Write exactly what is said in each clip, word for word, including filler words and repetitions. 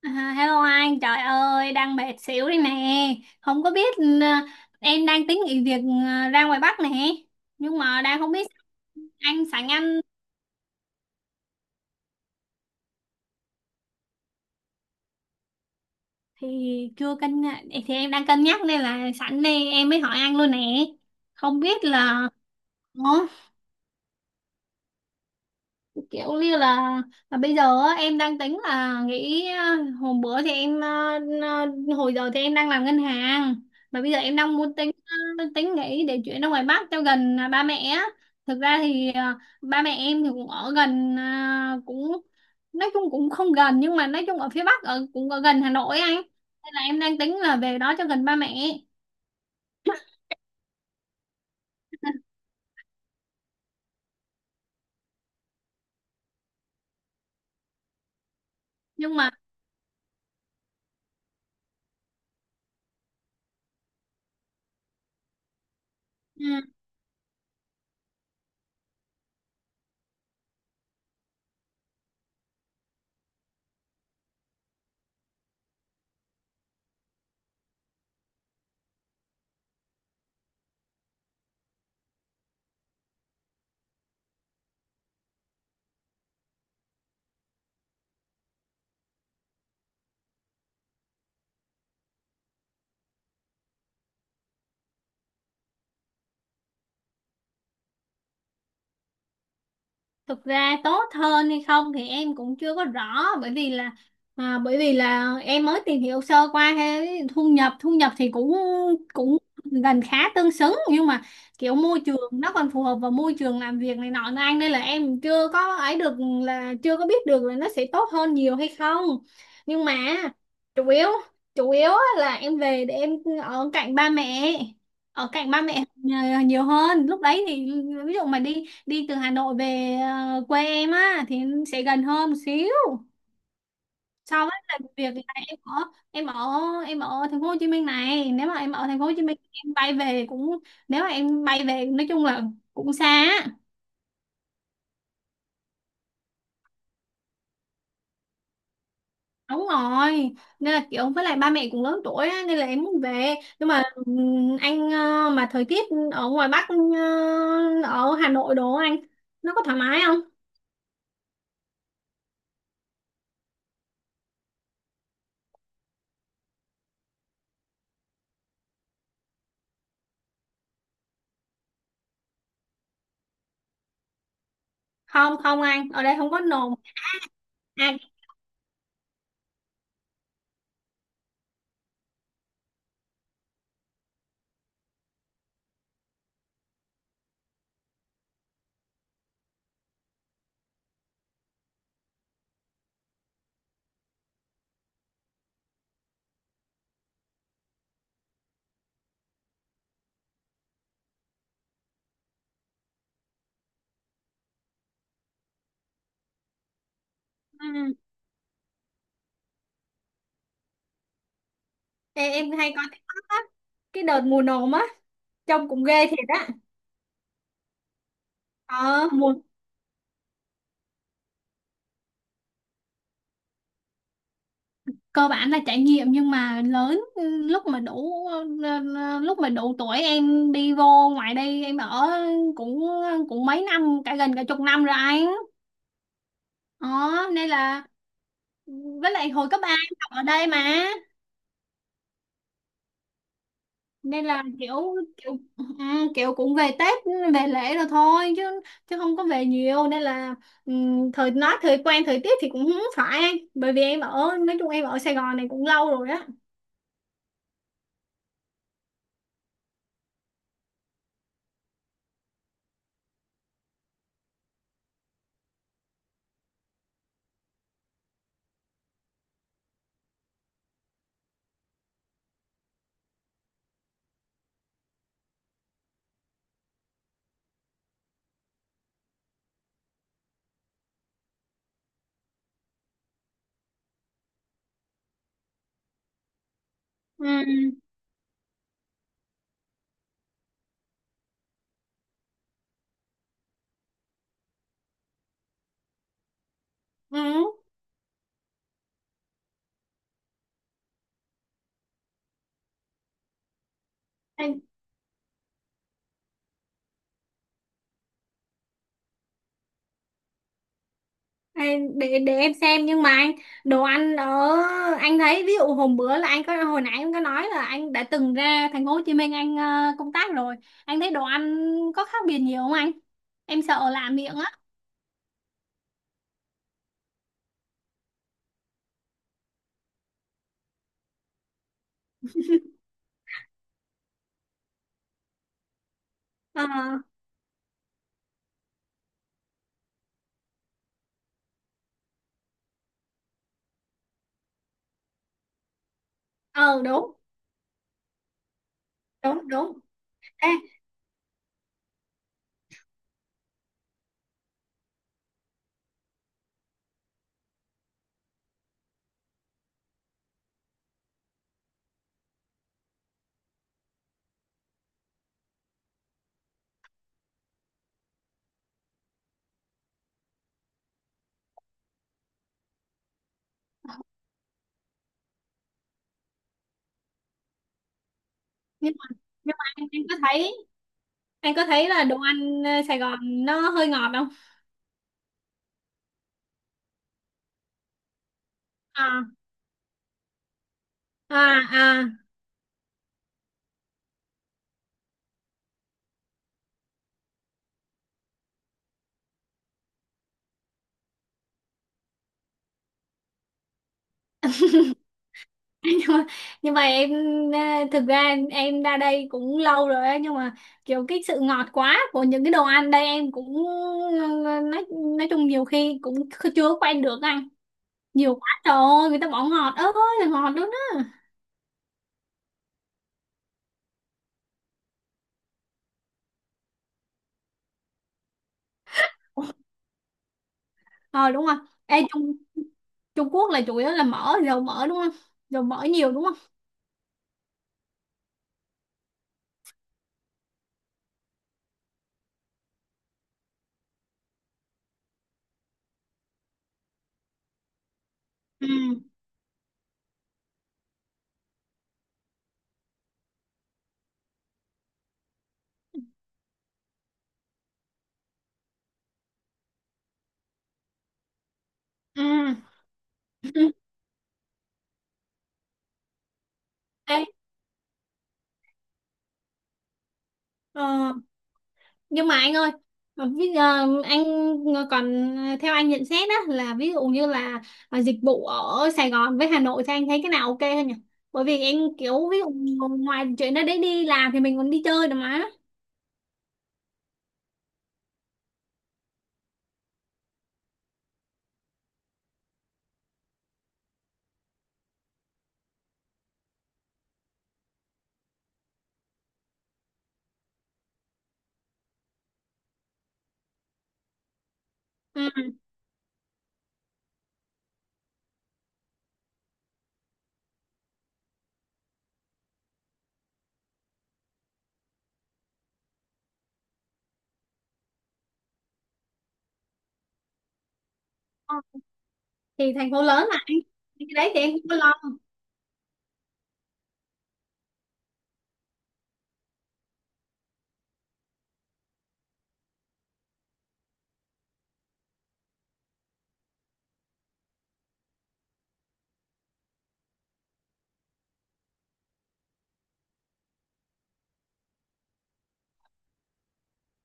À, hello anh, trời ơi, đang mệt xỉu đây nè. Không có biết ừ, em đang tính nghỉ việc ừ, ra ngoài Bắc nè. Nhưng mà đang không biết anh, sẵn anh thì chưa cân nhắc- thì em đang cân nhắc, nên là sẵn đây em mới hỏi anh luôn nè. Không biết là. Ủa? Kiểu như là, là bây giờ á, em đang tính là nghĩ à, hôm bữa thì em à, à, hồi giờ thì em đang làm ngân hàng, mà bây giờ em đang muốn tính à, tính nghĩ để chuyển ra ngoài Bắc cho gần à, ba mẹ á. Thực ra thì à, ba mẹ em thì cũng ở gần à, cũng nói chung cũng không gần, nhưng mà nói chung ở phía Bắc ở cũng ở gần Hà Nội anh, nên là em đang tính là về đó cho gần ba mẹ, nhưng mà ừ, thực ra tốt hơn hay không thì em cũng chưa có rõ, bởi vì là à, bởi vì là em mới tìm hiểu sơ qua cái thu nhập, thu nhập thì cũng cũng gần khá tương xứng, nhưng mà kiểu môi trường nó còn phù hợp vào môi trường làm việc này nọ nữa anh, nên là em chưa có ấy được, là chưa có biết được là nó sẽ tốt hơn nhiều hay không, nhưng mà chủ yếu chủ yếu á là em về để em ở cạnh ba mẹ, ở cạnh ba mẹ nhiều nhiều hơn lúc đấy thì ví dụ mà đi đi từ Hà Nội về ờ, quê em á thì sẽ gần hơn một xíu. Sau đó là việc là em ở em ở em ở thành phố Hồ Chí Minh này, nếu mà em ở thành phố Hồ Chí Minh em bay về cũng, nếu mà em bay về nói chung là cũng xa á. Đúng rồi, nên là kiểu với lại ba mẹ cũng lớn tuổi á, nên là em muốn về. Nhưng mà ừm, anh ờ, mà thời tiết ở ngoài Bắc ờ, ở Hà Nội đồ anh, nó có thoải mái không? Không không, anh ở đây không có nồm. à, Ê, em hay coi TikTok á, cái đợt mùa nồm á trông cũng ghê thiệt á. Ờ mùa Cơ bản là trải nghiệm, nhưng mà lớn ừ, lúc mà đủ ừ, lúc mà đủ tuổi em đi vô ngoài đây em ở cũng cũng mấy năm, cả gần cả chục năm rồi anh. Đó nên là, với lại hồi cấp ba em học ở đây mà. Nên là kiểu kiểu à, kiểu cũng về Tết, về lễ rồi thôi, chứ chứ không có về nhiều, nên là ừm, thời nói thời quen thời tiết thì cũng không phải, bởi vì em ở, nói chung em ở Sài Gòn này cũng lâu rồi á. Ừ. Ừ. Em- em- để để em xem. Nhưng mà anh, đồ ăn ở, anh thấy ví dụ hôm bữa là anh có, hồi nãy anh có nói là anh đã từng ra thành phố Hồ Chí Minh anh ờ, công tác rồi, anh thấy đồ ăn có khác biệt nhiều không anh, em sợ làm miệng á? Ờ, ờ, đúng, đúng, đúng. Ê, nhưng mà, nhưng mà anh, anh có thấy anh có thấy là đồ ăn ờ, Sài Gòn nó hơi ngọt không? À, à, à. nhưng mà, nhưng mà em ờ, thực ra em, em ra đây cũng lâu rồi ấy, nhưng mà kiểu cái sự ngọt quá của những cái đồ ăn đây em cũng ờ, nói nói chung nhiều khi cũng chưa quen được anh, nhiều quá trời ơi, người ta bỏ ngọt ơi là ngọt luôn á. Ờ, đúng rồi. Ê, Trung Trung Quốc là chủ yếu là mỡ, dầu mỡ đúng không, dầu mỡ nhiều đúng không? Ừ. Ừ. Ê, ờ nhưng mà anh ơi, bây giờ anh còn, theo anh nhận xét á là ví dụ như là ờ, dịch vụ ở Sài Gòn với Hà Nội thì anh thấy cái nào ok hơn nhỉ? Bởi vì em kiểu ví dụ ngoài chuyện đó đấy, đi làm thì mình còn đi chơi được mà. Ừ. Thì thành phố lớn mà anh, cái đấy thì em cũng có lo.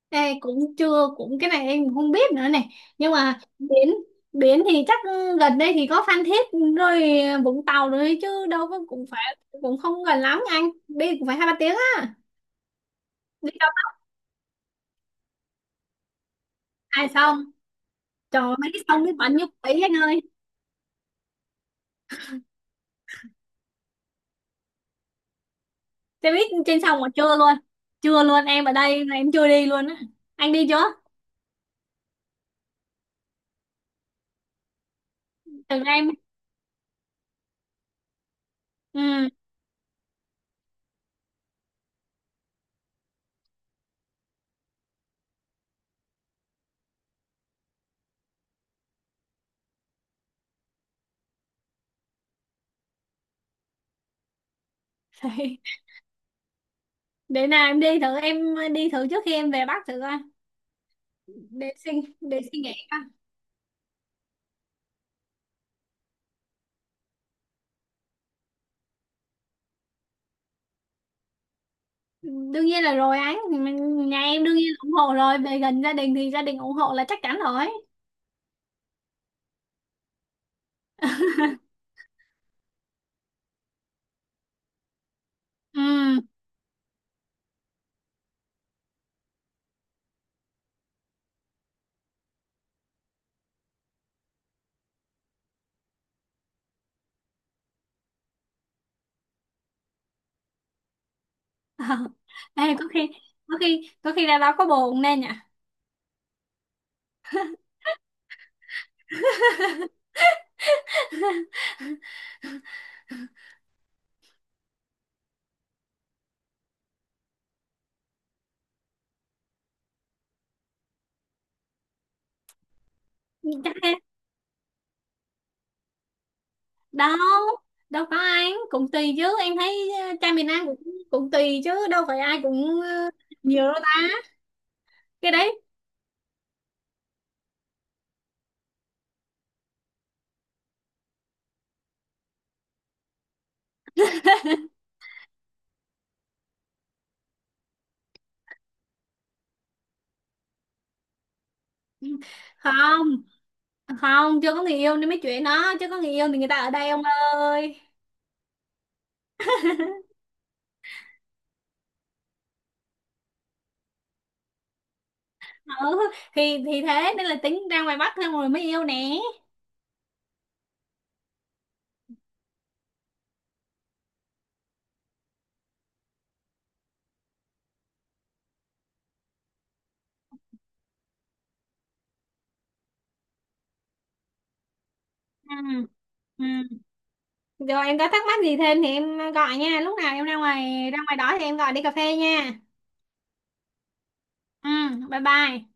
Ê, cũng chưa cũng cái này em không biết nữa này. Nhưng mà biển, biển thì chắc gần đây thì có Phan Thiết rồi Vũng Tàu rồi, chứ đâu có, cũng phải, cũng không gần lắm anh, đi cũng phải hai ba tiếng á. Đi, ai xong, trời ơi, mấy cái sông nước bẩn như quỷ anh ơi. Xe buýt trên sông mà chưa luôn, chưa luôn em ở đây mà em chưa đi luôn á. Anh đi chưa? Thử em. Ừ. Để nào em đi thử, em đi thử trước khi em về Bắc thử coi. để suy để suy nghĩ coi. Đương nhiên là rồi anh. Mình- nhà em đương nhiên là ủng hộ rồi, về gần gia đình thì gia đình ủng hộ là chắc chắn rồi. Ừ. Ê, có khi có khi có khi ra đó có bồ cũng nên nhỉ. Chắc đâu đâu có ai, cũng cũng tùy chứ, em thấy ờ, trai miền Nam cũng, cũng tùy chứ đâu phải ai cũng ờ, nhiều đâu ta, cái đấy. Không không, chưa có người yêu nên mới chuyện đó chứ, có người yêu thì người ta ở đây ông ơi. Ừ, thì thì thế nên là tính ra ngoài Bắc thôi, rồi mới yêu nè. Ừ. Ừ. Rồi em có thắc mắc gì thêm thì em ờ, gọi nha, lúc nào em ra ngoài, ra ngoài đó thì em gọi đi cà phê nha. Ừ, bye bye.